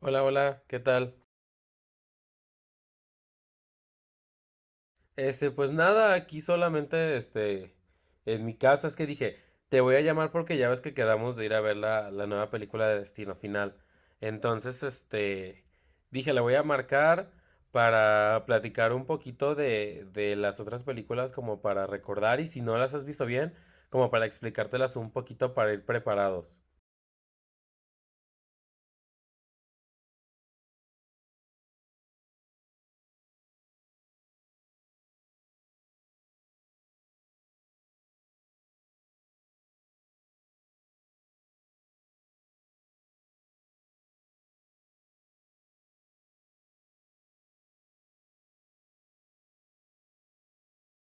Hola, hola, ¿qué tal? Este, pues nada, aquí solamente, este, en mi casa es que dije, te voy a llamar porque ya ves que quedamos de ir a ver la nueva película de Destino Final. Entonces, este, dije, le voy a marcar para platicar un poquito de las otras películas como para recordar y si no las has visto bien, como para explicártelas un poquito para ir preparados.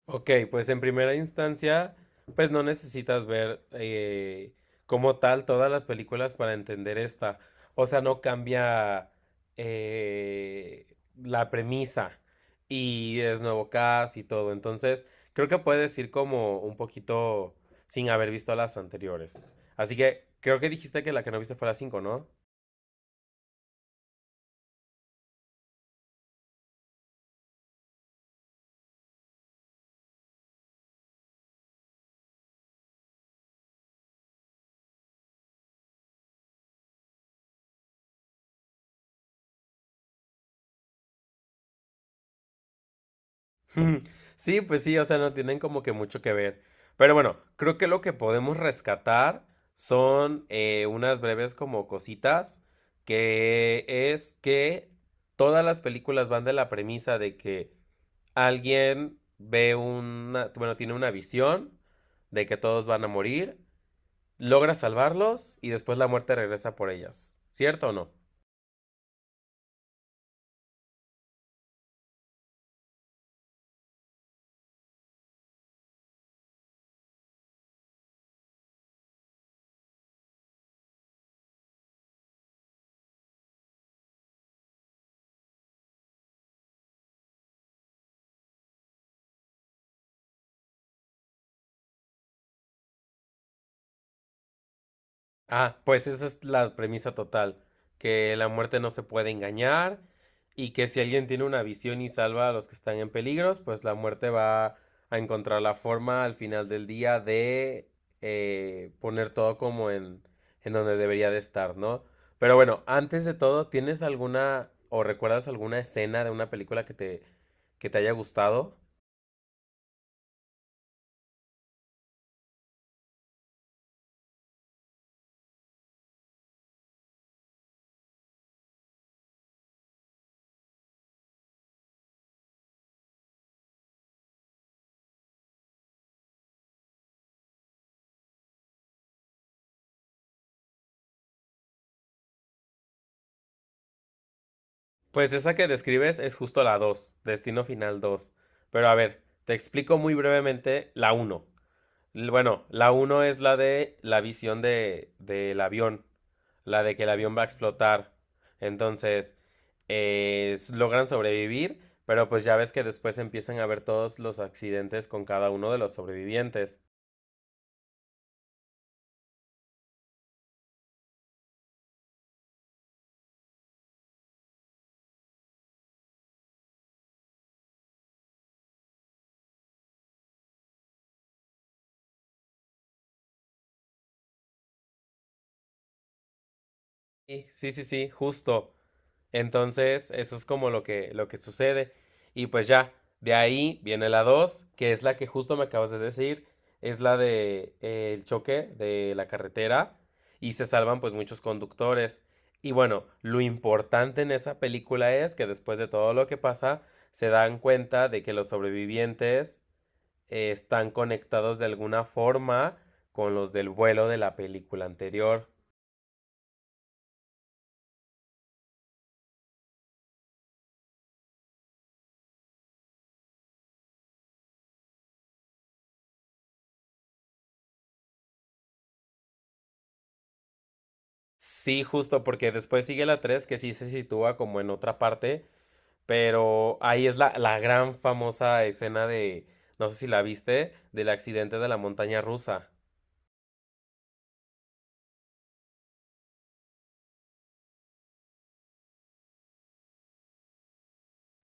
Ok, pues en primera instancia, pues no necesitas ver como tal todas las películas para entender esta. O sea, no cambia eh, la premisa y es nuevo cast y todo. Entonces, creo que puedes ir como un poquito sin haber visto las anteriores. Así que creo que dijiste que la que no viste fue la 5, ¿no? Sí, pues sí, o sea, no tienen como que mucho que ver. Pero bueno, creo que lo que podemos rescatar son unas breves como cositas, que es que todas las películas van de la premisa de que alguien ve una, bueno, tiene una visión de que todos van a morir, logra salvarlos y después la muerte regresa por ellas. ¿Cierto o no? Ah, pues esa es la premisa total, que la muerte no se puede engañar y que si alguien tiene una visión y salva a los que están en peligros, pues la muerte va a encontrar la forma al final del día de poner todo como en, donde debería de estar, ¿no? Pero bueno, antes de todo, ¿tienes alguna o recuerdas alguna escena de una película que te haya gustado? Pues esa que describes es justo la 2, Destino Final dos. Pero a ver, te explico muy brevemente la uno. Bueno, la uno es la de la visión de, del avión, la de que el avión va a explotar. Entonces, logran sobrevivir, pero pues ya ves que después empiezan a ver todos los accidentes con cada uno de los sobrevivientes. Sí, sí, sí, sí, justo. Entonces, eso es como lo que sucede. Y pues ya, de ahí viene la 2 que es la que justo me acabas de decir, es la de el choque de la carretera y se salvan pues muchos conductores. Y bueno, lo importante en esa película es que después de todo lo que pasa, se dan cuenta de que los sobrevivientes están conectados de alguna forma con los del vuelo de la película anterior. Sí, justo, porque después sigue la 3 que sí se sitúa como en otra parte, pero ahí es la gran famosa escena de, no sé si la viste, del accidente de la montaña rusa.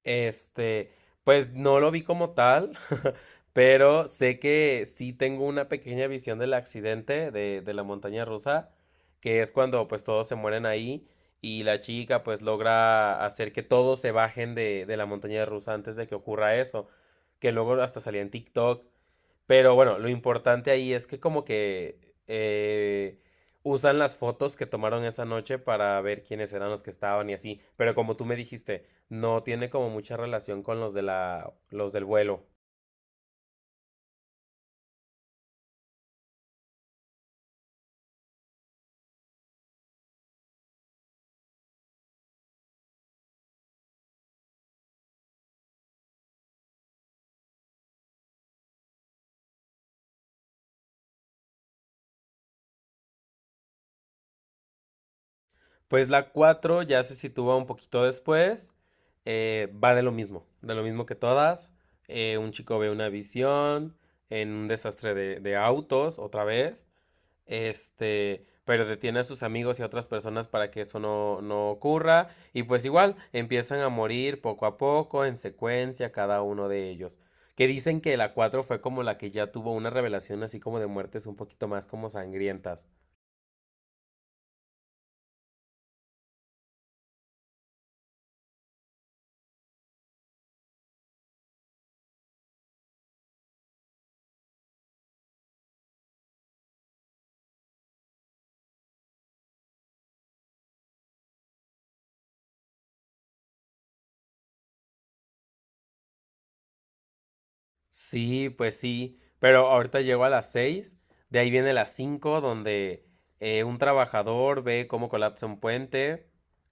Este, pues no lo vi como tal, pero sé que sí tengo una pequeña visión del accidente de, la montaña rusa, que es cuando pues todos se mueren ahí y la chica pues logra hacer que todos se bajen de la montaña rusa antes de que ocurra eso, que luego hasta salía en TikTok. Pero bueno, lo importante ahí es que como que eh, usan las fotos que tomaron esa noche para ver quiénes eran los que estaban y así. Pero como tú me dijiste, no tiene como mucha relación con los de la, los del vuelo. Pues la 4 ya se sitúa un poquito después. Va de lo mismo que todas. Un chico ve una visión en un desastre de autos otra vez. Este, pero detiene a sus amigos y a otras personas para que eso no, no ocurra. Y pues igual empiezan a morir poco a poco, en secuencia, cada uno de ellos. Que dicen que la 4 fue como la que ya tuvo una revelación así como de muertes un poquito más como sangrientas. Sí, pues sí, pero ahorita llego a las 6, de ahí viene las 5 donde un trabajador ve cómo colapsa un puente,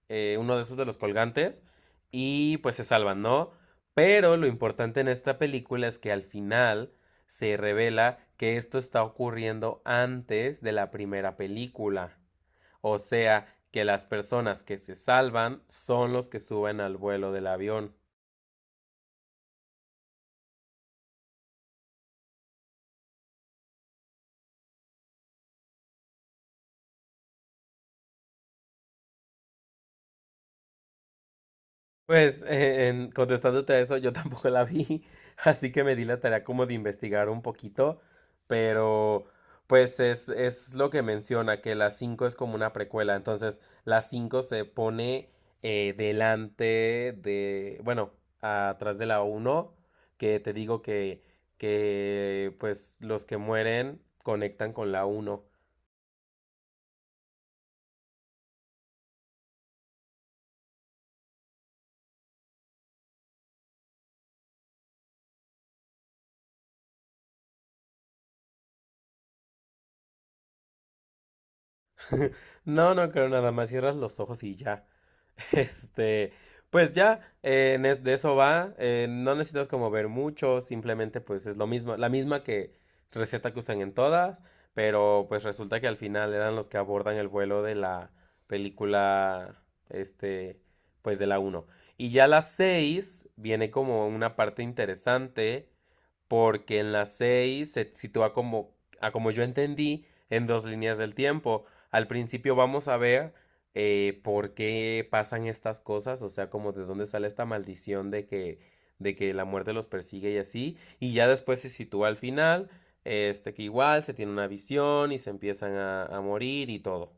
uno de esos de los colgantes, y pues se salvan, ¿no? Pero lo importante en esta película es que al final se revela que esto está ocurriendo antes de la primera película. O sea, que las personas que se salvan son los que suben al vuelo del avión. Pues, contestándote a eso, yo tampoco la vi, así que me di la tarea como de investigar un poquito, pero pues es lo que menciona, que la 5 es como una precuela, entonces la 5 se pone delante de, bueno, atrás de la uno, que te digo que pues los que mueren conectan con la uno. No, no creo nada más, cierras los ojos y ya. Este, pues ya, de eso va. No necesitas como ver mucho, simplemente pues es lo mismo, la misma que receta que usan en todas, pero pues resulta que al final eran los que abordan el vuelo de la película, este, pues de la uno. Y ya la 6 viene como una parte interesante, porque en la 6 se sitúa como, a como yo entendí, en dos líneas del tiempo. Al principio vamos a ver por qué pasan estas cosas, o sea, como de dónde sale esta maldición de que, la muerte los persigue y así, y ya después se sitúa al final, este que igual se tiene una visión y se empiezan a, morir y todo.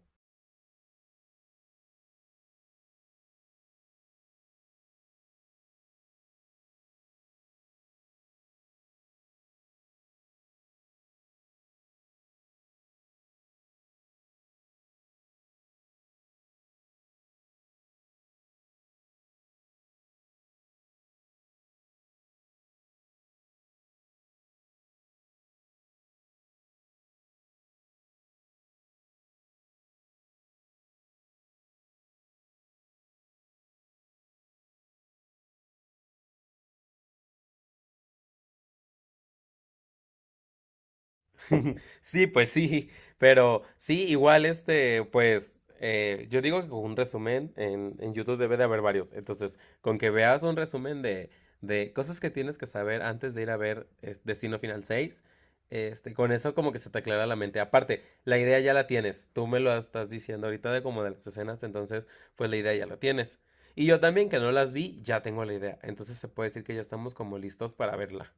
Sí, pues sí, pero sí, igual este, pues yo digo que con un resumen en, YouTube debe de haber varios, entonces con que veas un resumen de cosas que tienes que saber antes de ir a ver es, Destino Final seis, este, con eso como que se te aclara la mente. Aparte, la idea ya la tienes, tú me lo estás diciendo ahorita de como de las escenas, entonces pues la idea ya la tienes. Y yo también que no las vi, ya tengo la idea, entonces se puede decir que ya estamos como listos para verla.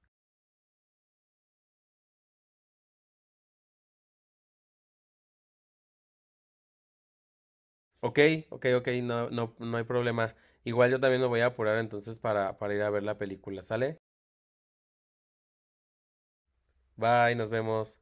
Ok, ok, ok, no, no, no hay problema. Igual yo también me voy a apurar entonces para, ir a ver la película, ¿sale? Bye, nos vemos.